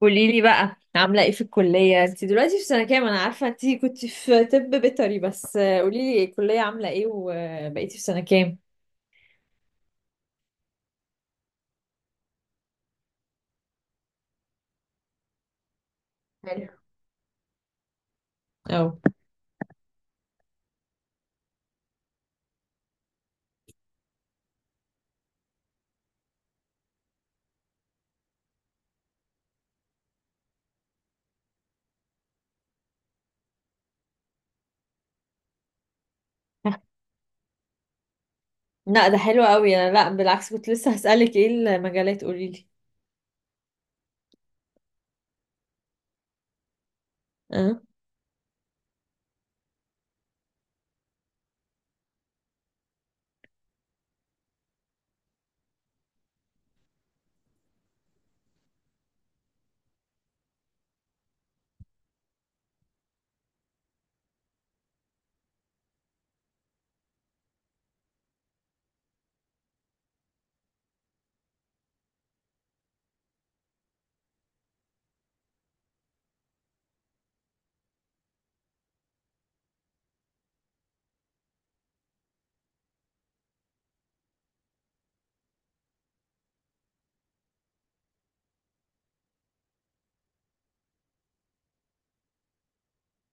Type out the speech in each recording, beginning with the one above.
قولي لي بقى عامله ايه في الكليه؟ انت دلوقتي في سنه كام؟ انا عارفه انت كنت في طب بيطري، بس قولي لي الكليه عامله ايه وبقيتي في سنه كام. حلو. او. لا ده حلو قوي. انا لا بالعكس، كنت لسه هسالك ايه المجالات، قولي لي. اه،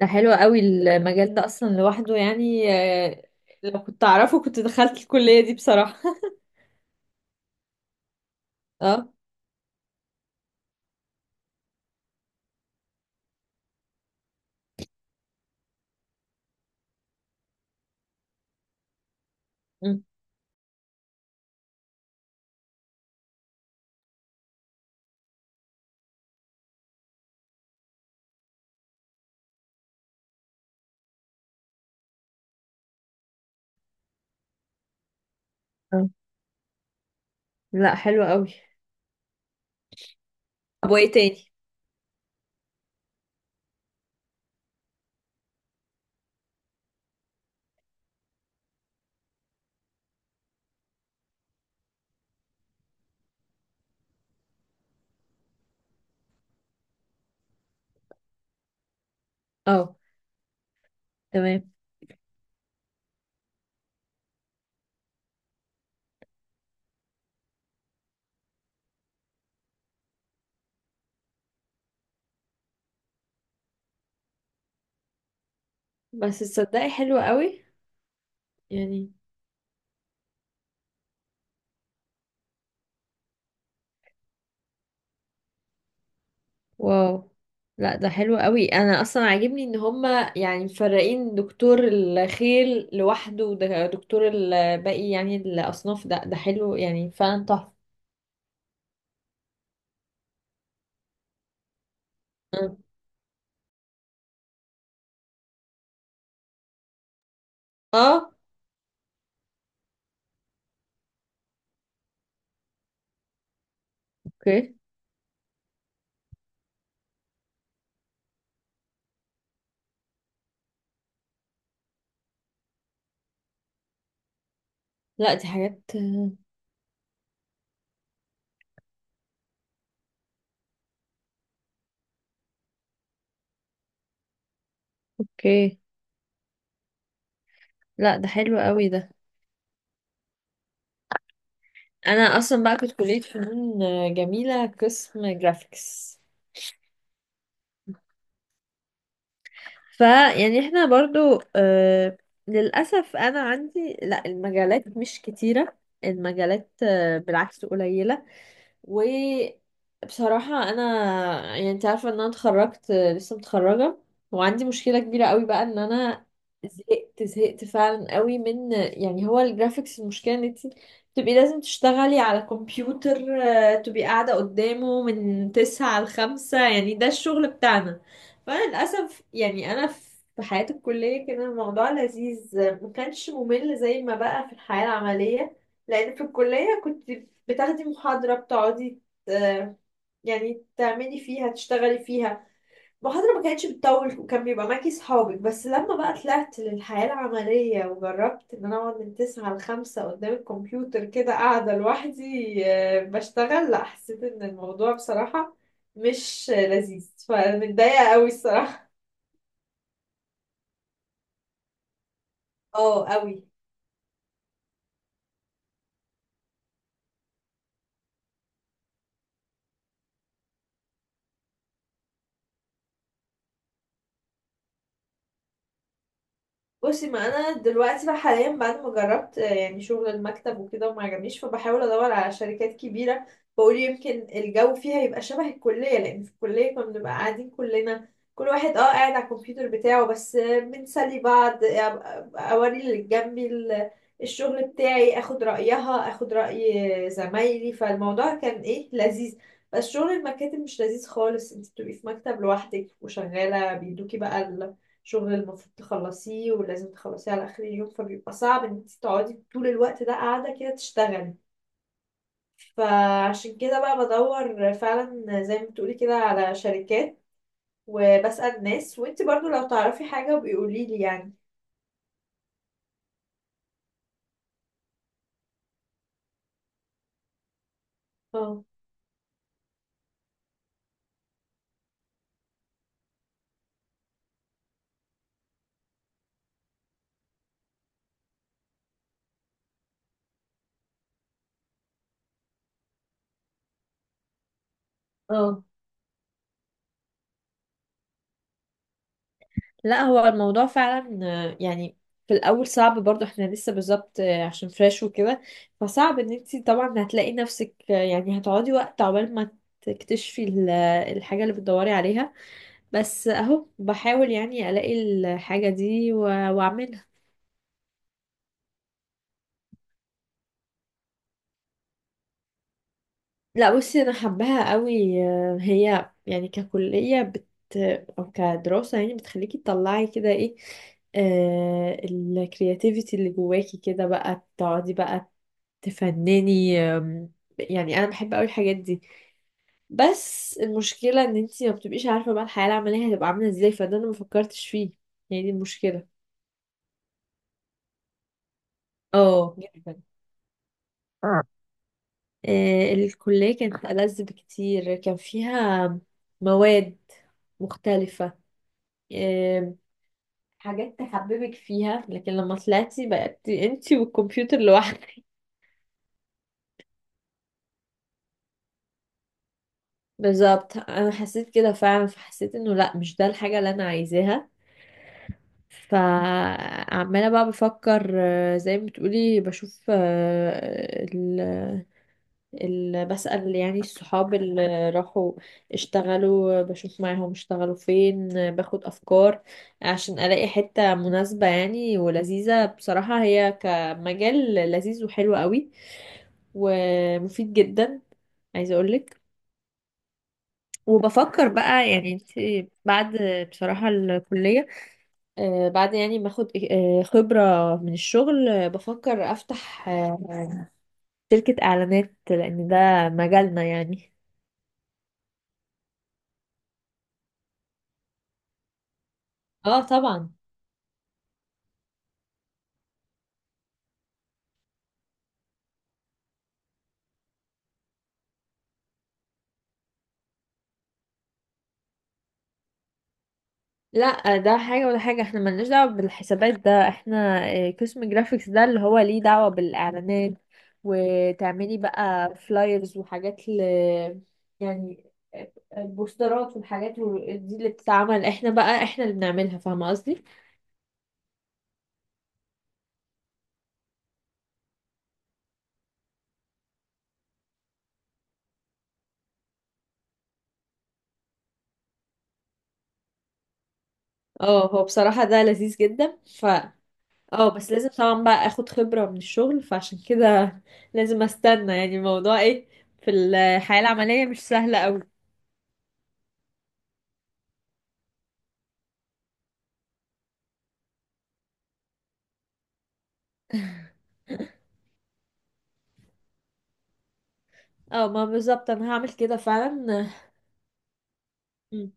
ده حلو قوي المجال ده اصلا لوحده، يعني لو كنت اعرفه كنت دخلت الكليه دي بصراحه. اه. أمم. آه. لا حلو قوي. طب وايه تاني؟ اه، تمام. بس تصدقي حلو قوي يعني. واو. لا ده حلو قوي، انا اصلا عاجبني ان هما يعني مفرقين دكتور الخيل لوحده ودكتور الباقي يعني الاصناف، ده حلو يعني فعلا تحفه. اه. آه، اوكي. لا دي حاجات. اوكي. لا ده حلو قوي ده. انا اصلا بقى كنت كليه فنون جميله، قسم جرافيكس. فيعني احنا برضو آه، للاسف انا عندي لا المجالات مش كتيره، المجالات بالعكس قليله. وبصراحة أنا يعني أنت عارفة إن أنا اتخرجت، لسه متخرجة، وعندي مشكلة كبيرة قوي بقى إن أنا زهقت فعلا قوي من يعني هو الجرافيكس. المشكلة إن أنت تبقي لازم تشتغلي على كمبيوتر، تبقي قاعدة قدامه من 9 لـ 5، يعني ده الشغل بتاعنا. فأنا للأسف يعني أنا في حياة الكلية كان الموضوع لذيذ، ما كانش ممل زي ما بقى في الحياة العملية. لان في الكلية كنت بتاخدي محاضرة، بتقعدي آه، يعني تعملي فيها، تشتغلي فيها. المحاضرة ما كانتش بتطول وكان بيبقى معاكي صحابك. بس لما بقى طلعت للحياة العملية وجربت ان انا اقعد من 9 لـ 5 قدام الكمبيوتر، كده قاعدة لوحدي، بشتغل، لا حسيت ان الموضوع بصراحة مش لذيذ، فمتضايقة قوي الصراحة. اه قوي. بصي، ما انا دلوقتي بقى حاليا بعد ما جربت يعني شغل المكتب وكده وما عجبنيش، فبحاول ادور على شركات كبيره. بقول يمكن الجو فيها يبقى شبه الكليه، لان في الكليه كنا بنبقى قاعدين كلنا، كل واحد اه قاعد على الكمبيوتر بتاعه، بس بنسلي بعض، اوري اللي جنبي الشغل بتاعي، اخد رايها، اخد راي زمايلي، فالموضوع كان ايه لذيذ. بس شغل المكاتب مش لذيذ خالص، انت بتبقي في مكتب لوحدك وشغاله بيدوكي بقى، شغل المفروض تخلصيه ولازم تخلصيه على آخر اليوم، فبيبقى صعب ان انت تقعدي طول الوقت ده قاعدة كده تشتغلي. فعشان كده بقى بدور فعلا زي ما بتقولي كده على شركات وبسأل ناس، وانت برضو لو تعرفي حاجة بيقولي لي يعني. اه. اه لا، هو الموضوع فعلا يعني في الاول صعب، برضو احنا لسه بالظبط، عشان فريش وكده، فصعب ان انت طبعا هتلاقي نفسك، يعني هتقعدي وقت عقبال ما تكتشفي الحاجة اللي بتدوري عليها. بس اهو بحاول يعني الاقي الحاجة دي واعملها. لا بصي، انا حباها قوي، هي يعني ككلية او كدراسة يعني بتخليكي تطلعي كده ايه، الكرياتيفيتي اللي جواكي، كده بقى تقعدي بقى تفنني. يعني انا بحب قوي الحاجات دي. بس المشكلة ان انتي ما بتبقيش عارفة بقى الحياة العملية هتبقى عاملة ازاي، فده انا ما فكرتش فيه، هي دي المشكلة. اه جدا. الكلية كانت ألذ بكتير، كان فيها مواد مختلفة، آه، حاجات تحببك فيها، لكن لما طلعتي بقت انتي والكمبيوتر لوحدك. بالظبط، انا حسيت كده فعلا، فحسيت انه لا مش ده الحاجة اللي انا عايزاها. فعمالة بقى بفكر، زي ما بتقولي، بشوف بسأل يعني الصحاب اللي راحوا اشتغلوا، بشوف معاهم اشتغلوا فين، باخد أفكار عشان ألاقي حتة مناسبة يعني ولذيذة. بصراحة هي كمجال لذيذ وحلو قوي ومفيد جدا، عايزة أقولك. وبفكر بقى يعني انت، بعد بصراحة الكلية، بعد يعني ما اخد خبرة من الشغل، بفكر افتح شركة اعلانات، لان ده مجالنا يعني. اه طبعا. لا ده حاجة ولا حاجة، احنا ملناش دعوة بالحسابات، ده احنا قسم جرافيكس، ده اللي هو ليه دعوة بالإعلانات، وتعملي بقى فلايرز وحاجات ل يعني، البوسترات والحاجات دي اللي بتتعمل، احنا بقى احنا اللي بنعملها، فاهمة قصدي؟ اه هو بصراحة ده لذيذ جدا ف، اه بس لازم طبعا بقى اخد خبرة من الشغل، فعشان كده لازم استنى يعني. الموضوع ايه في الحياة العملية مش سهلة قوي. اه ما بالظبط، انا هعمل كده فعلا. مم.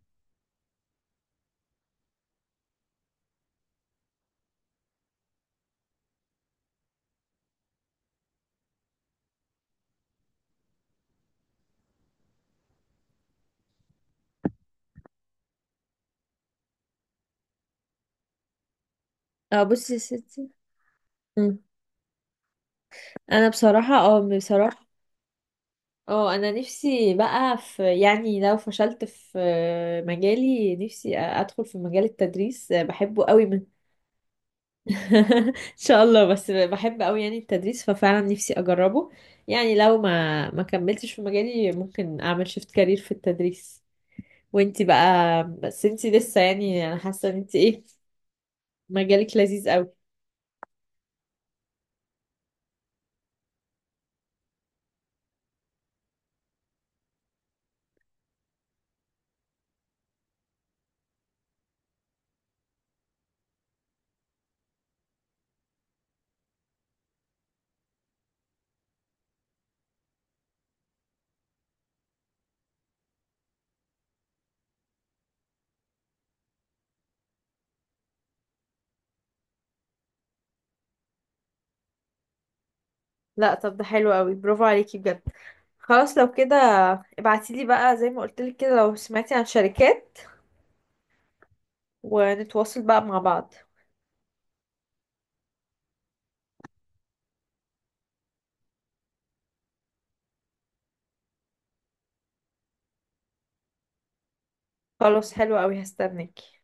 اه بصي يا ستي. مم. انا بصراحة، اه انا نفسي بقى، في يعني لو فشلت في مجالي، نفسي ادخل في مجال التدريس، بحبه قوي من. ان شاء الله، بس بحب قوي يعني التدريس، ففعلا نفسي اجربه يعني. لو ما كملتش في مجالي ممكن اعمل شيفت كارير في التدريس. وانتي بقى، بس انتي لسه يعني، انا حاسة ان انتي ايه، مجالك لذيذ قوي. لا طب ده حلو قوي، برافو عليكي بجد. خلاص لو كده ابعتيلي بقى زي ما قلتلك كده لو سمعتي عن شركات، ونتواصل بقى مع بعض. خلاص حلو قوي، هستناكي.